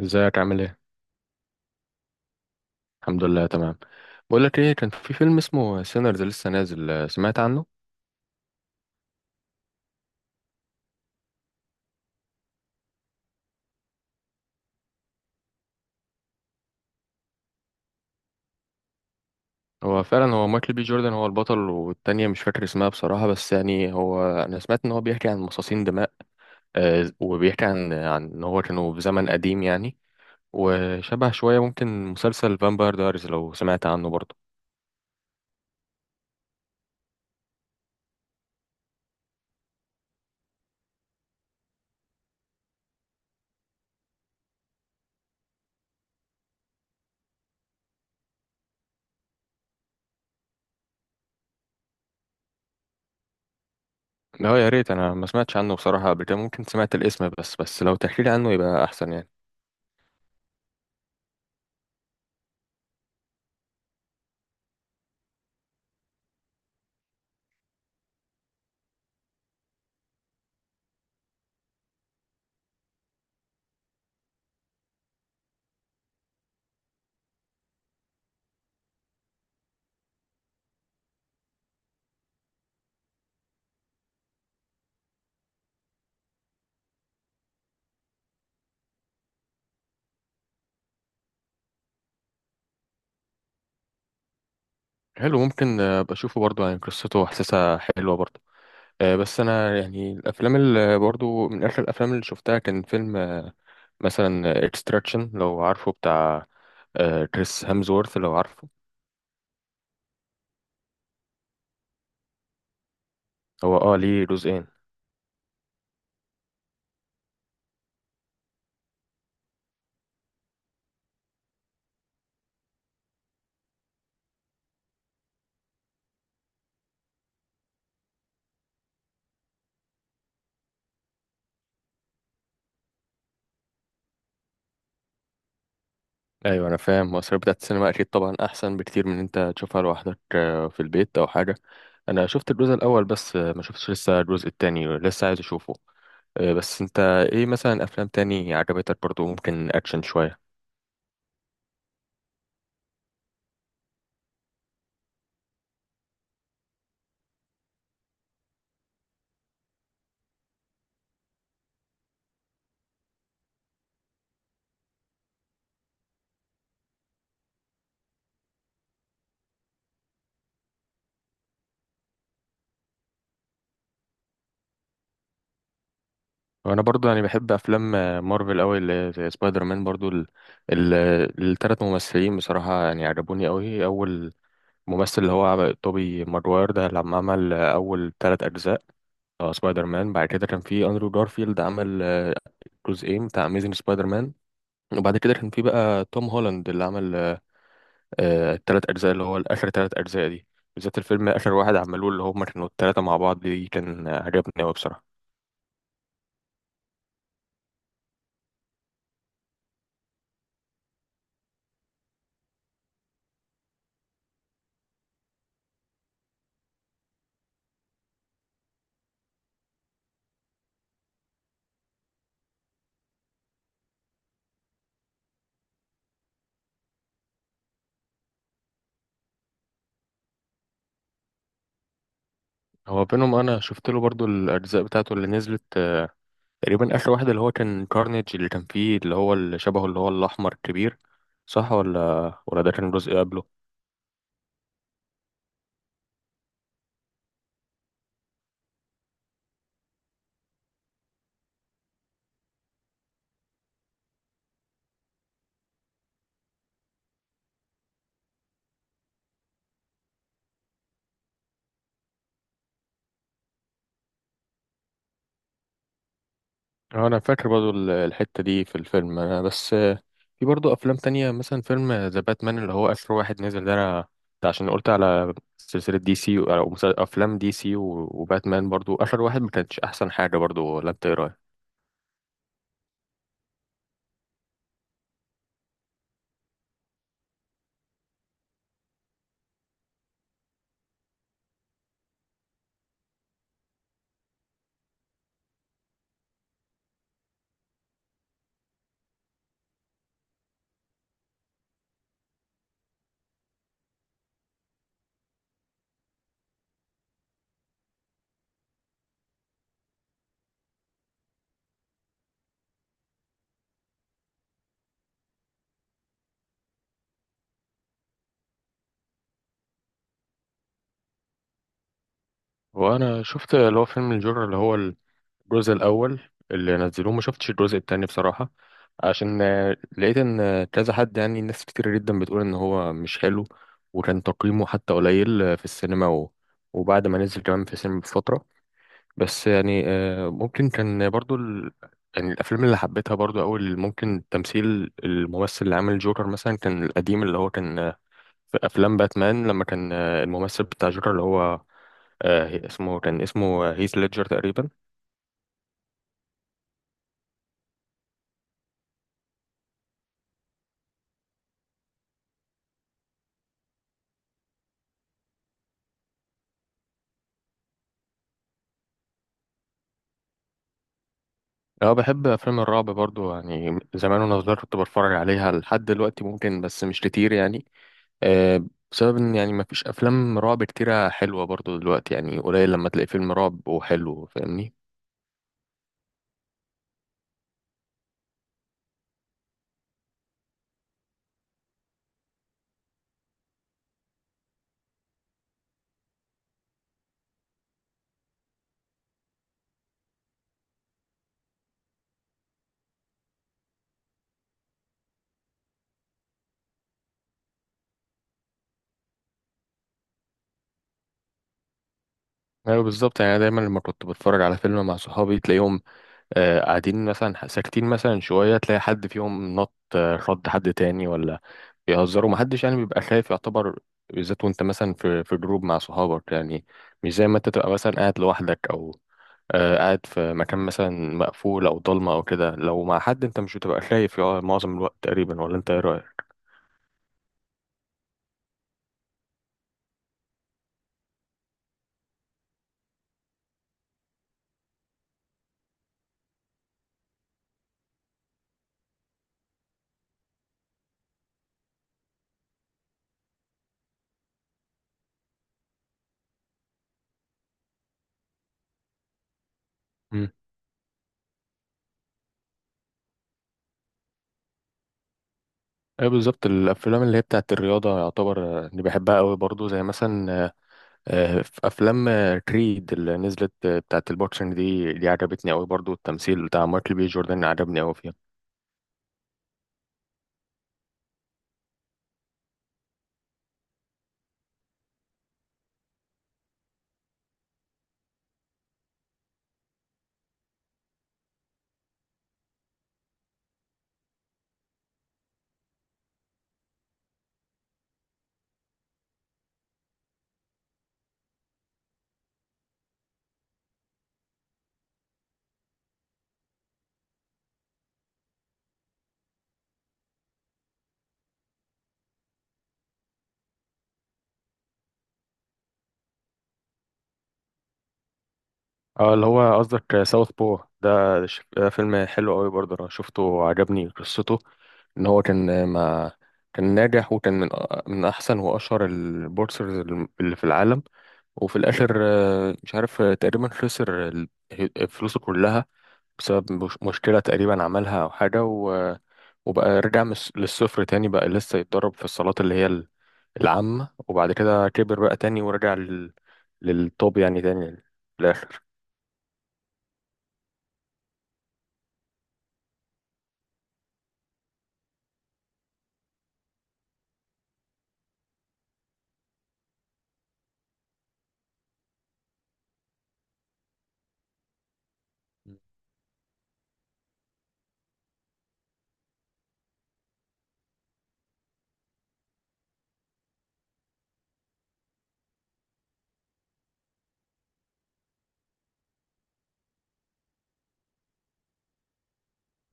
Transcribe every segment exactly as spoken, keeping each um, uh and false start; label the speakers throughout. Speaker 1: ازيك عامل ايه؟ الحمد لله تمام. بقول لك ايه، كان في فيلم اسمه سينرز لسه نازل، آه، سمعت عنه؟ هو فعلا هو مايكل بي جوردن هو البطل، والتانية مش فاكر اسمها بصراحة، بس يعني هو انا سمعت ان هو بيحكي عن مصاصين دماء. آه، وبيحكي عن عن ان هو كانوا في زمن قديم يعني. وشبه شوية ممكن مسلسل فامباير دايرز، لو سمعت عنه برضه. لا، يا ريت، انا ما سمعتش عنه بصراحة قبل كده، ممكن سمعت الاسم بس بس لو تحكي لي عنه يبقى احسن يعني. حلو، ممكن آه، بشوفه برضه يعني، قصته وحساسة حلوة برضه. آه، بس انا يعني الافلام اللي برضو من اخر الافلام اللي شفتها كان فيلم آه، مثلا اكستراكشن، لو عارفه، بتاع آه، كريس هامزورث، لو عارفه. هو اه ليه جزئين. ايوه، انا فاهم، مصاريف بتاعت السينما اكيد طبعا احسن بكتير من إن انت تشوفها لوحدك آه، في البيت او حاجه. انا شفت الجزء الاول بس، آه، ما شفتش لسه الجزء التاني، لسه عايز اشوفه. آه، بس انت ايه مثلا افلام تاني عجبتك برضو؟ ممكن اكشن شويه. وانا برضو يعني بحب افلام آه، مارفل قوي، اللي زي سبايدر مان برضو ال... ال... الثلاث ممثلين بصراحه يعني عجبوني قوي. اول ممثل اللي هو عب- توبي ماجواير ده لما عمل آه، اول ثلاث اجزاء آه، سبايدر مان. بعد كده كان في اندرو جارفيلد عمل آه، جزئين بتاع اميزنج سبايدر مان. وبعد كده كان في بقى توم هولاند اللي عمل الثلاث اجزاء اللي هو اخر ثلاث اجزاء دي. بالذات الفيلم اخر واحد عملوه اللي هم كانوا الثلاثه مع بعض دي كان آه، عجبني قوي بصراحه. هو بينهم انا شفت له برضو الاجزاء بتاعته اللي نزلت، آه، تقريبا اخر واحد اللي هو كان كارنيج اللي كان فيه اللي هو اللي شبهه اللي هو الاحمر الكبير، صح؟ ولا ولا ده كان جزء قبله. آه، انا فاكر برضو ال- الحتة دي في الفيلم انا بس، آه، في برضو افلام تانية مثلا فيلم ذا باتمان اللي هو اخر واحد نزل ده. انا ده عشان قلت على سلسلة دي سي و- او مسل- افلام دي سي و- وباتمان برضو اخر واحد ما كانتش احسن حاجة برضو، ولا انت ايه رايك؟ وانا شفت اللي هو فيلم الجورة اللي هو الجزء الاول اللي نزلوه. ما شفتش الجزء التاني بصراحه، عشان آه، لقيت ان آه، كذا حد يعني ناس كتير جدا بتقول ان هو مش حلو، وكان تقييمه حتى قليل آه، في السينما و... وبعد ما نزل كمان في السينما بفتره. بس يعني، آه، ممكن كان برضو ال... يعني الافلام اللي حبيتها برضو اول ممكن تمثيل الممثل اللي عامل جوكر مثلا كان القديم اللي هو كان، آه، في افلام باتمان لما كان آه، الممثل بتاع جوكر اللي هو آه، اسمه كان اسمه آه، هيث ليدجر تقريبا. اه بحب افلام الرعب برضو يعني، زمان وانا صغير كنت بتفرج عليها لحد دلوقتي، ممكن بس مش كتير يعني. آه بسبب ان يعني ما فيش افلام رعب كتيرة حلوة برضو دلوقتي، يعني قليل لما تلاقي فيلم رعب وحلو، فاهمني. ايوه، بالظبط، يعني دايما لما كنت بتفرج على فيلم مع صحابي تلاقيهم آه قاعدين مثلا ساكتين مثلا شوية، تلاقي حد فيهم نط آه، رد حد تاني، ولا بيهزروا، محدش يعني بيبقى خايف يعتبر. بالذات وانت مثلا في في جروب مع صحابك يعني، مش زي ما انت تبقى مثلا قاعد لوحدك او آه، قاعد في مكان مثلا مقفول او ضلمه او كده، لو مع حد انت مش بتبقى خايف يقع معظم الوقت تقريبا، ولا انت ايه رايك؟ امم ايه بالظبط، الافلام اللي هي بتاعت الرياضه يعتبر آه، اللي بحبها قوي برضو، زي مثلا آه، آه، في افلام آه، كريد اللي نزلت آه، بتاعت البوكسنج دي دي عجبتني قوي برضو، التمثيل بتاع مايكل بي جوردن عجبني قوي فيها. اه اللي هو قصدك ساوث بو ده، ده ش- ده فيلم حلو قوي برضه، انا شفته عجبني قصته. ان هو كان ما كان ناجح وكان من من احسن واشهر البورسرز اللي في العالم، وفي الاخر آه، مش عارف آه، تقريبا خسر ال- فلوسه كلها بسبب مش- مشكلة تقريبا عملها او حاجة، و- وبقى رجع من الص- للصفر تاني، بقى لسه يتدرب في الصالات اللي هي ال- العامة، وبعد كده كبر بقى تاني ورجع لل- للتوب يعني تاني في الاخر.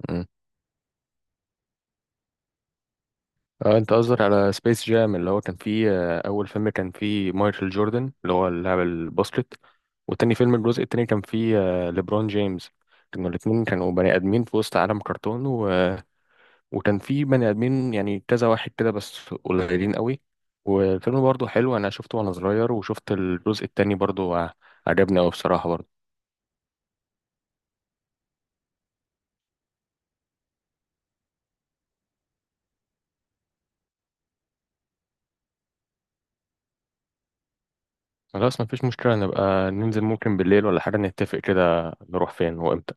Speaker 1: مم. اه انت قصدك على سبيس جام اللي هو كان فيه آه، اول فيلم كان فيه مايكل جوردن اللي هو اللاعب الباسكت. والتاني فيلم الجزء التاني كان فيه آه، ليبرون جيمس. كانوا الاتنين كانوا بني ادمين في وسط عالم كرتون و... وكان فيه بني ادمين يعني كذا واحد كده بس قليلين قوي. والفيلم برضه حلو، انا شفته وانا صغير، وشفت الجزء التاني برضه ع- عجبني قوي بصراحة برضه. خلاص، مفيش مشكلة، نبقى ننزل ممكن بالليل ولا حاجة، نتفق كده نروح فين وامتى.